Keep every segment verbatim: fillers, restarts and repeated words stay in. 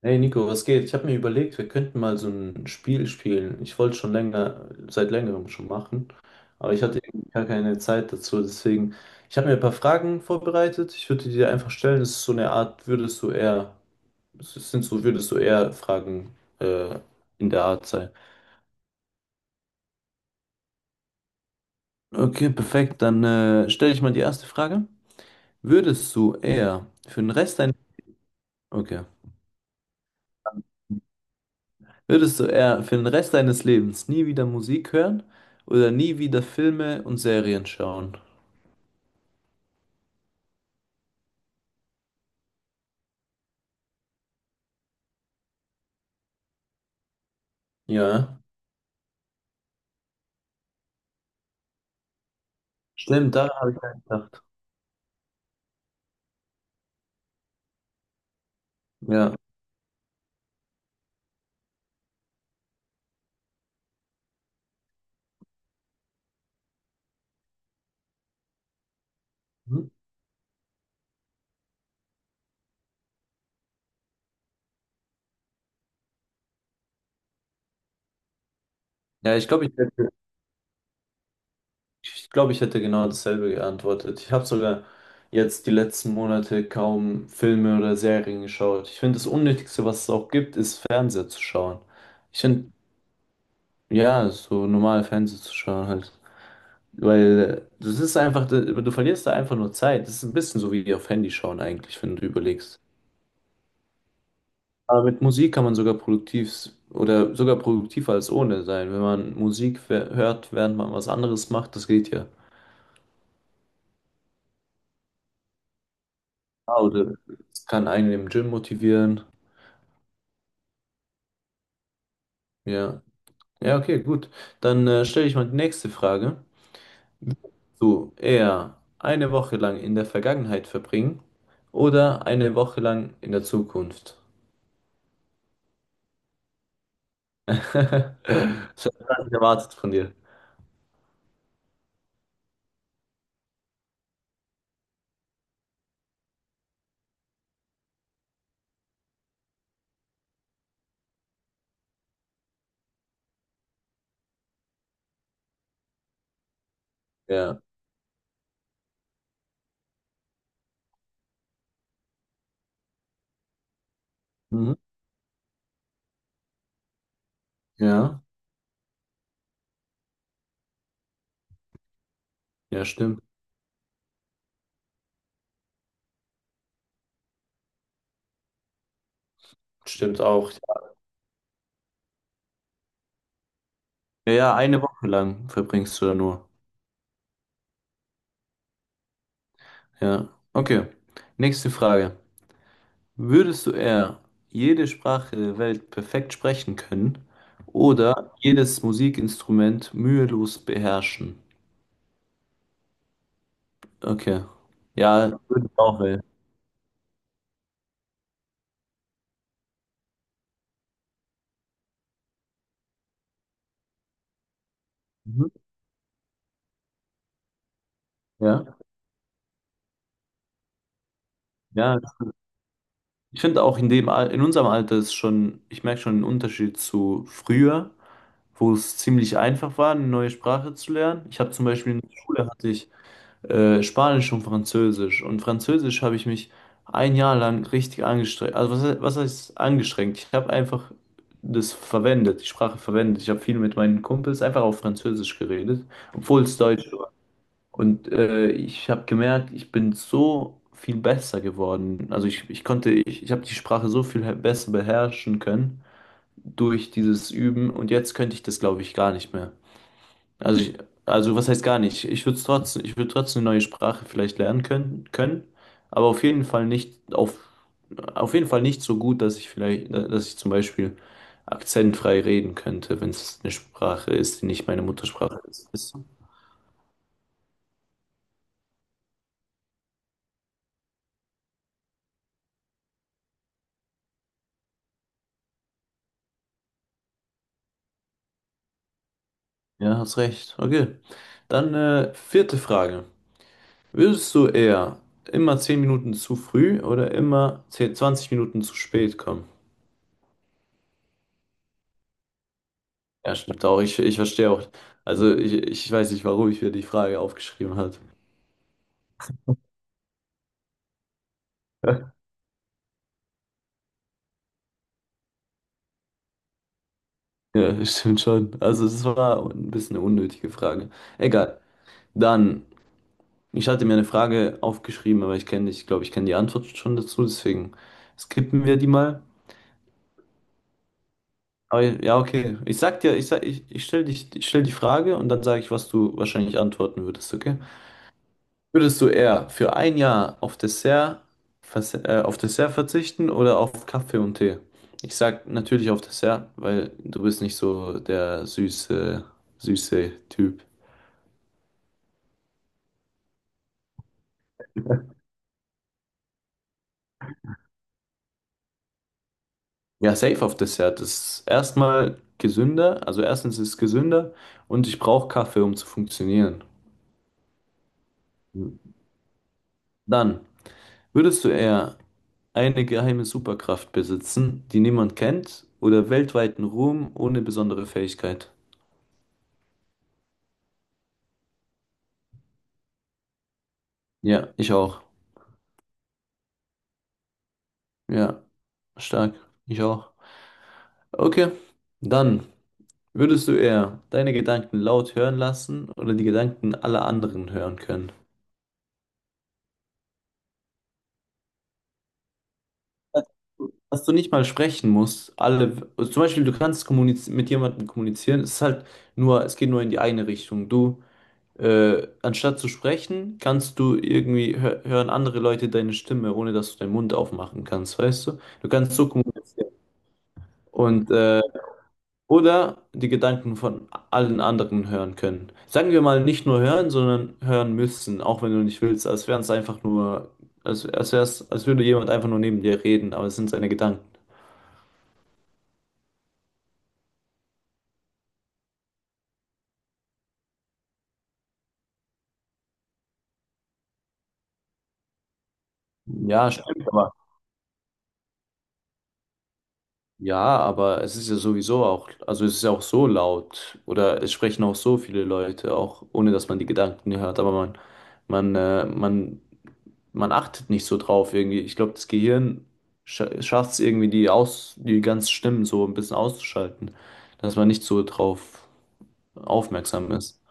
Hey Nico, was geht? Ich habe mir überlegt, wir könnten mal so ein Spiel spielen. Ich wollte schon länger, seit längerem schon machen, aber ich hatte irgendwie gar keine Zeit dazu. Deswegen, ich habe mir ein paar Fragen vorbereitet. Ich würde die dir einfach stellen. Es ist so eine Art, würdest du eher, es sind so, würdest du eher Fragen äh, in der Art sein. Okay, perfekt. Dann äh, stelle ich mal die erste Frage. Würdest du eher für den Rest deines... Okay. Würdest du eher für den Rest deines Lebens nie wieder Musik hören oder nie wieder Filme und Serien schauen? Ja, stimmt, da habe ich dran gedacht. Ja. Mhm. Ja, ich glaube, ich hätte, ich glaube, ich hätte genau dasselbe geantwortet. Ich habe sogar jetzt die letzten Monate kaum Filme oder Serien geschaut. Ich finde, das Unnötigste, was es auch gibt, ist Fernseher zu schauen. Ich finde, ja, so normal Fernseher zu schauen halt. Weil äh, das ist einfach, du verlierst da einfach nur Zeit. Das ist ein bisschen so wie auf Handy schauen eigentlich, wenn du überlegst. Aber mit Musik kann man sogar produktiv oder sogar produktiver als ohne sein. Wenn man Musik wer- hört, während man was anderes macht, das geht ja. Ah, oder es kann einen im Gym motivieren. Ja. Ja, okay, gut. Dann äh, stelle ich mal die nächste Frage. Du eher eine Woche lang in der Vergangenheit verbringen oder eine Woche lang in der Zukunft? Das habe ich gar nicht erwartet von dir. Ja. Mhm. Ja, ja, stimmt. Stimmt auch. Ja, ja, eine Woche lang verbringst du da nur. Ja. Okay. Nächste Frage. Würdest du eher jede Sprache der Welt perfekt sprechen können oder jedes Musikinstrument mühelos beherrschen? Okay. Ja, würde ich auch wählen. Mhm. Ja, ja. Ich finde auch in dem Al in unserem Alter ist schon, ich merke schon einen Unterschied zu früher, wo es ziemlich einfach war, eine neue Sprache zu lernen. Ich habe zum Beispiel in der Schule hatte ich äh, Spanisch und Französisch. Und Französisch habe ich mich ein Jahr lang richtig angestrengt. Also was, he- was heißt angestrengt? Ich habe einfach das verwendet, die Sprache verwendet. Ich habe viel mit meinen Kumpels einfach auf Französisch geredet, obwohl es Deutsch war. Und äh, ich habe gemerkt, ich bin so viel besser geworden. Also ich, ich konnte, ich, ich habe die Sprache so viel he- besser beherrschen können durch dieses Üben. Und jetzt könnte ich das, glaube ich, gar nicht mehr. Also ich, also was heißt gar nicht? Ich würde trotzdem, ich würde trotzdem eine neue Sprache vielleicht lernen können, können, aber auf jeden Fall nicht auf, auf jeden Fall nicht so gut, dass ich vielleicht, dass ich zum Beispiel akzentfrei reden könnte, wenn es eine Sprache ist, die nicht meine Muttersprache ist. Weißt du? Ja, hast recht. Okay. Dann äh, vierte Frage. Würdest du eher immer zehn Minuten zu früh oder immer zehn, zwanzig Minuten zu spät kommen? Ja, stimmt auch. Ich, ich verstehe auch. Also ich, ich weiß nicht, warum ich mir die Frage aufgeschrieben habe. Ja, stimmt schon. Also es war ein bisschen eine unnötige Frage. Egal. Dann, ich hatte mir eine Frage aufgeschrieben, aber ich kenne, ich glaube, ich kenne die Antwort schon dazu, deswegen skippen wir die mal. Aber ja, ja, okay. Ich sag dir, ich sag, ich, ich stell dich, ich stell die Frage und dann sage ich, was du wahrscheinlich antworten würdest, okay? Würdest du eher für ein Jahr auf Dessert, vers- äh, auf Dessert verzichten oder auf Kaffee und Tee? Ich sag natürlich auf Dessert, weil du bist nicht so der süße, süße Typ. Ja, safe auf Dessert. Das ist erstmal gesünder. Also erstens ist es gesünder und ich brauche Kaffee, um zu funktionieren. Dann, würdest du eher eine geheime Superkraft besitzen, die niemand kennt, oder weltweiten Ruhm ohne besondere Fähigkeit? Ja, ich auch. Ja. Stark, ich auch. Okay, dann würdest du eher deine Gedanken laut hören lassen oder die Gedanken aller anderen hören können? Dass du nicht mal sprechen musst, alle, also zum Beispiel, du kannst kommuniz- mit jemandem kommunizieren, es ist halt nur, es geht nur in die eine Richtung. Du, äh, anstatt zu sprechen, kannst du irgendwie hö hören andere Leute deine Stimme, ohne dass du deinen Mund aufmachen kannst, weißt du? Du kannst so kommunizieren. Und äh, oder die Gedanken von allen anderen hören können. Sagen wir mal nicht nur hören, sondern hören müssen, auch wenn du nicht willst. Als wären es einfach nur, als, als wär's, als würde jemand einfach nur neben dir reden, aber es sind seine Gedanken. Ja, stimmt, aber. Ja, aber es ist ja sowieso auch, also es ist ja auch so laut oder es sprechen auch so viele Leute, auch ohne dass man die Gedanken hört, aber man, man, äh, man man achtet nicht so drauf irgendwie. Ich glaube, das Gehirn scha schafft es irgendwie, die aus, die ganzen Stimmen so ein bisschen auszuschalten, dass man nicht so drauf aufmerksam ist.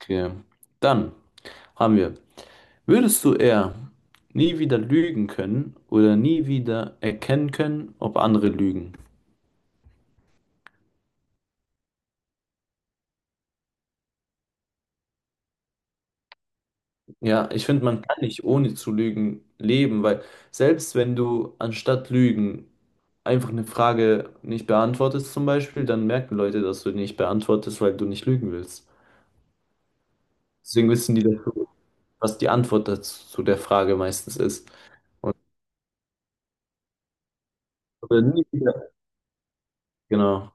Okay. Dann haben wir, würdest du eher nie wieder lügen können oder nie wieder erkennen können, ob andere lügen? Ja, ich finde, man kann nicht ohne zu lügen leben, weil selbst wenn du anstatt lügen einfach eine Frage nicht beantwortest zum Beispiel, dann merken Leute, dass du nicht beantwortest, weil du nicht lügen willst. Deswegen wissen die, dass du- was die Antwort dazu, zu der Frage meistens ist. Und oder nie wieder. Genau.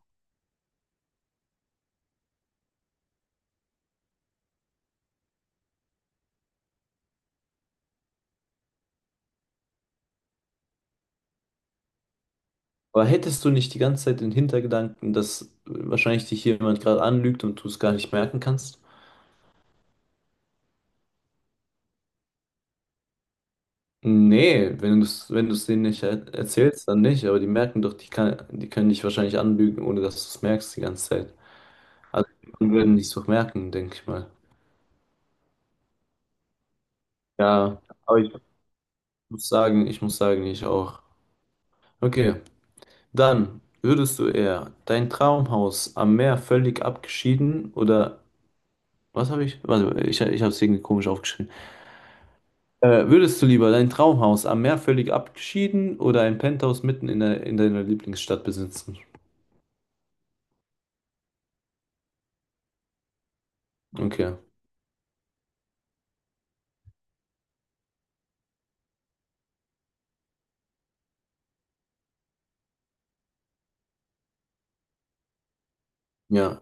Aber hättest du nicht die ganze Zeit den Hintergedanken, dass wahrscheinlich dich jemand gerade anlügt und du es gar nicht merken kannst? Nee, wenn du es wenn du's denen nicht er erzählst, dann nicht. Aber die merken doch, die kann, die können dich wahrscheinlich anlügen, ohne dass du es merkst die ganze Zeit. Also die würden dich doch merken, denke ich mal. Ja, aber ich muss sagen, ich muss sagen, ich auch. Okay, dann würdest du eher dein Traumhaus am Meer völlig abgeschieden oder was habe ich? Warte, ich, ich habe es irgendwie komisch aufgeschrieben. Äh, würdest du lieber dein Traumhaus am Meer völlig abgeschieden oder ein Penthouse mitten in, der, in deiner Lieblingsstadt besitzen? Okay. Ja.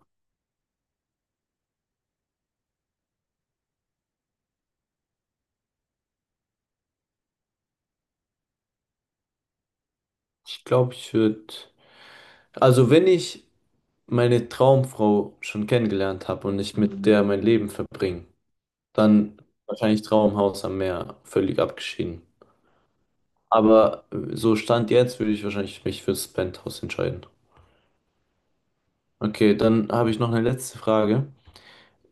Ich glaube, ich würde. Also, wenn ich meine Traumfrau schon kennengelernt habe und ich mit der mein Leben verbringe, dann wahrscheinlich Traumhaus am Meer, völlig abgeschieden. Aber äh, so Stand jetzt würde ich wahrscheinlich mich fürs Penthouse entscheiden. Okay, dann habe ich noch eine letzte Frage.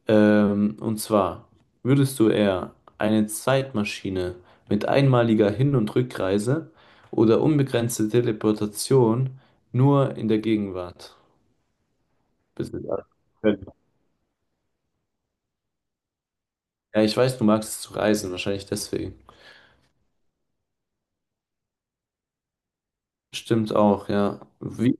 Ähm, und zwar, würdest du eher eine Zeitmaschine mit einmaliger Hin- und Rückreise oder unbegrenzte Teleportation nur in der Gegenwart besitzen? Ja, ich weiß, du magst es zu reisen, wahrscheinlich deswegen. Stimmt auch, ja. Wie?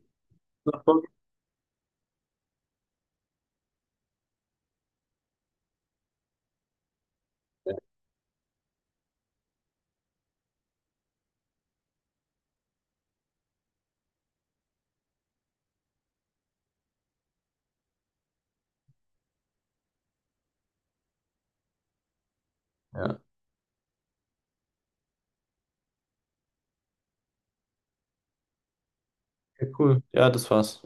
Ja, okay, cool. Ja, das war's.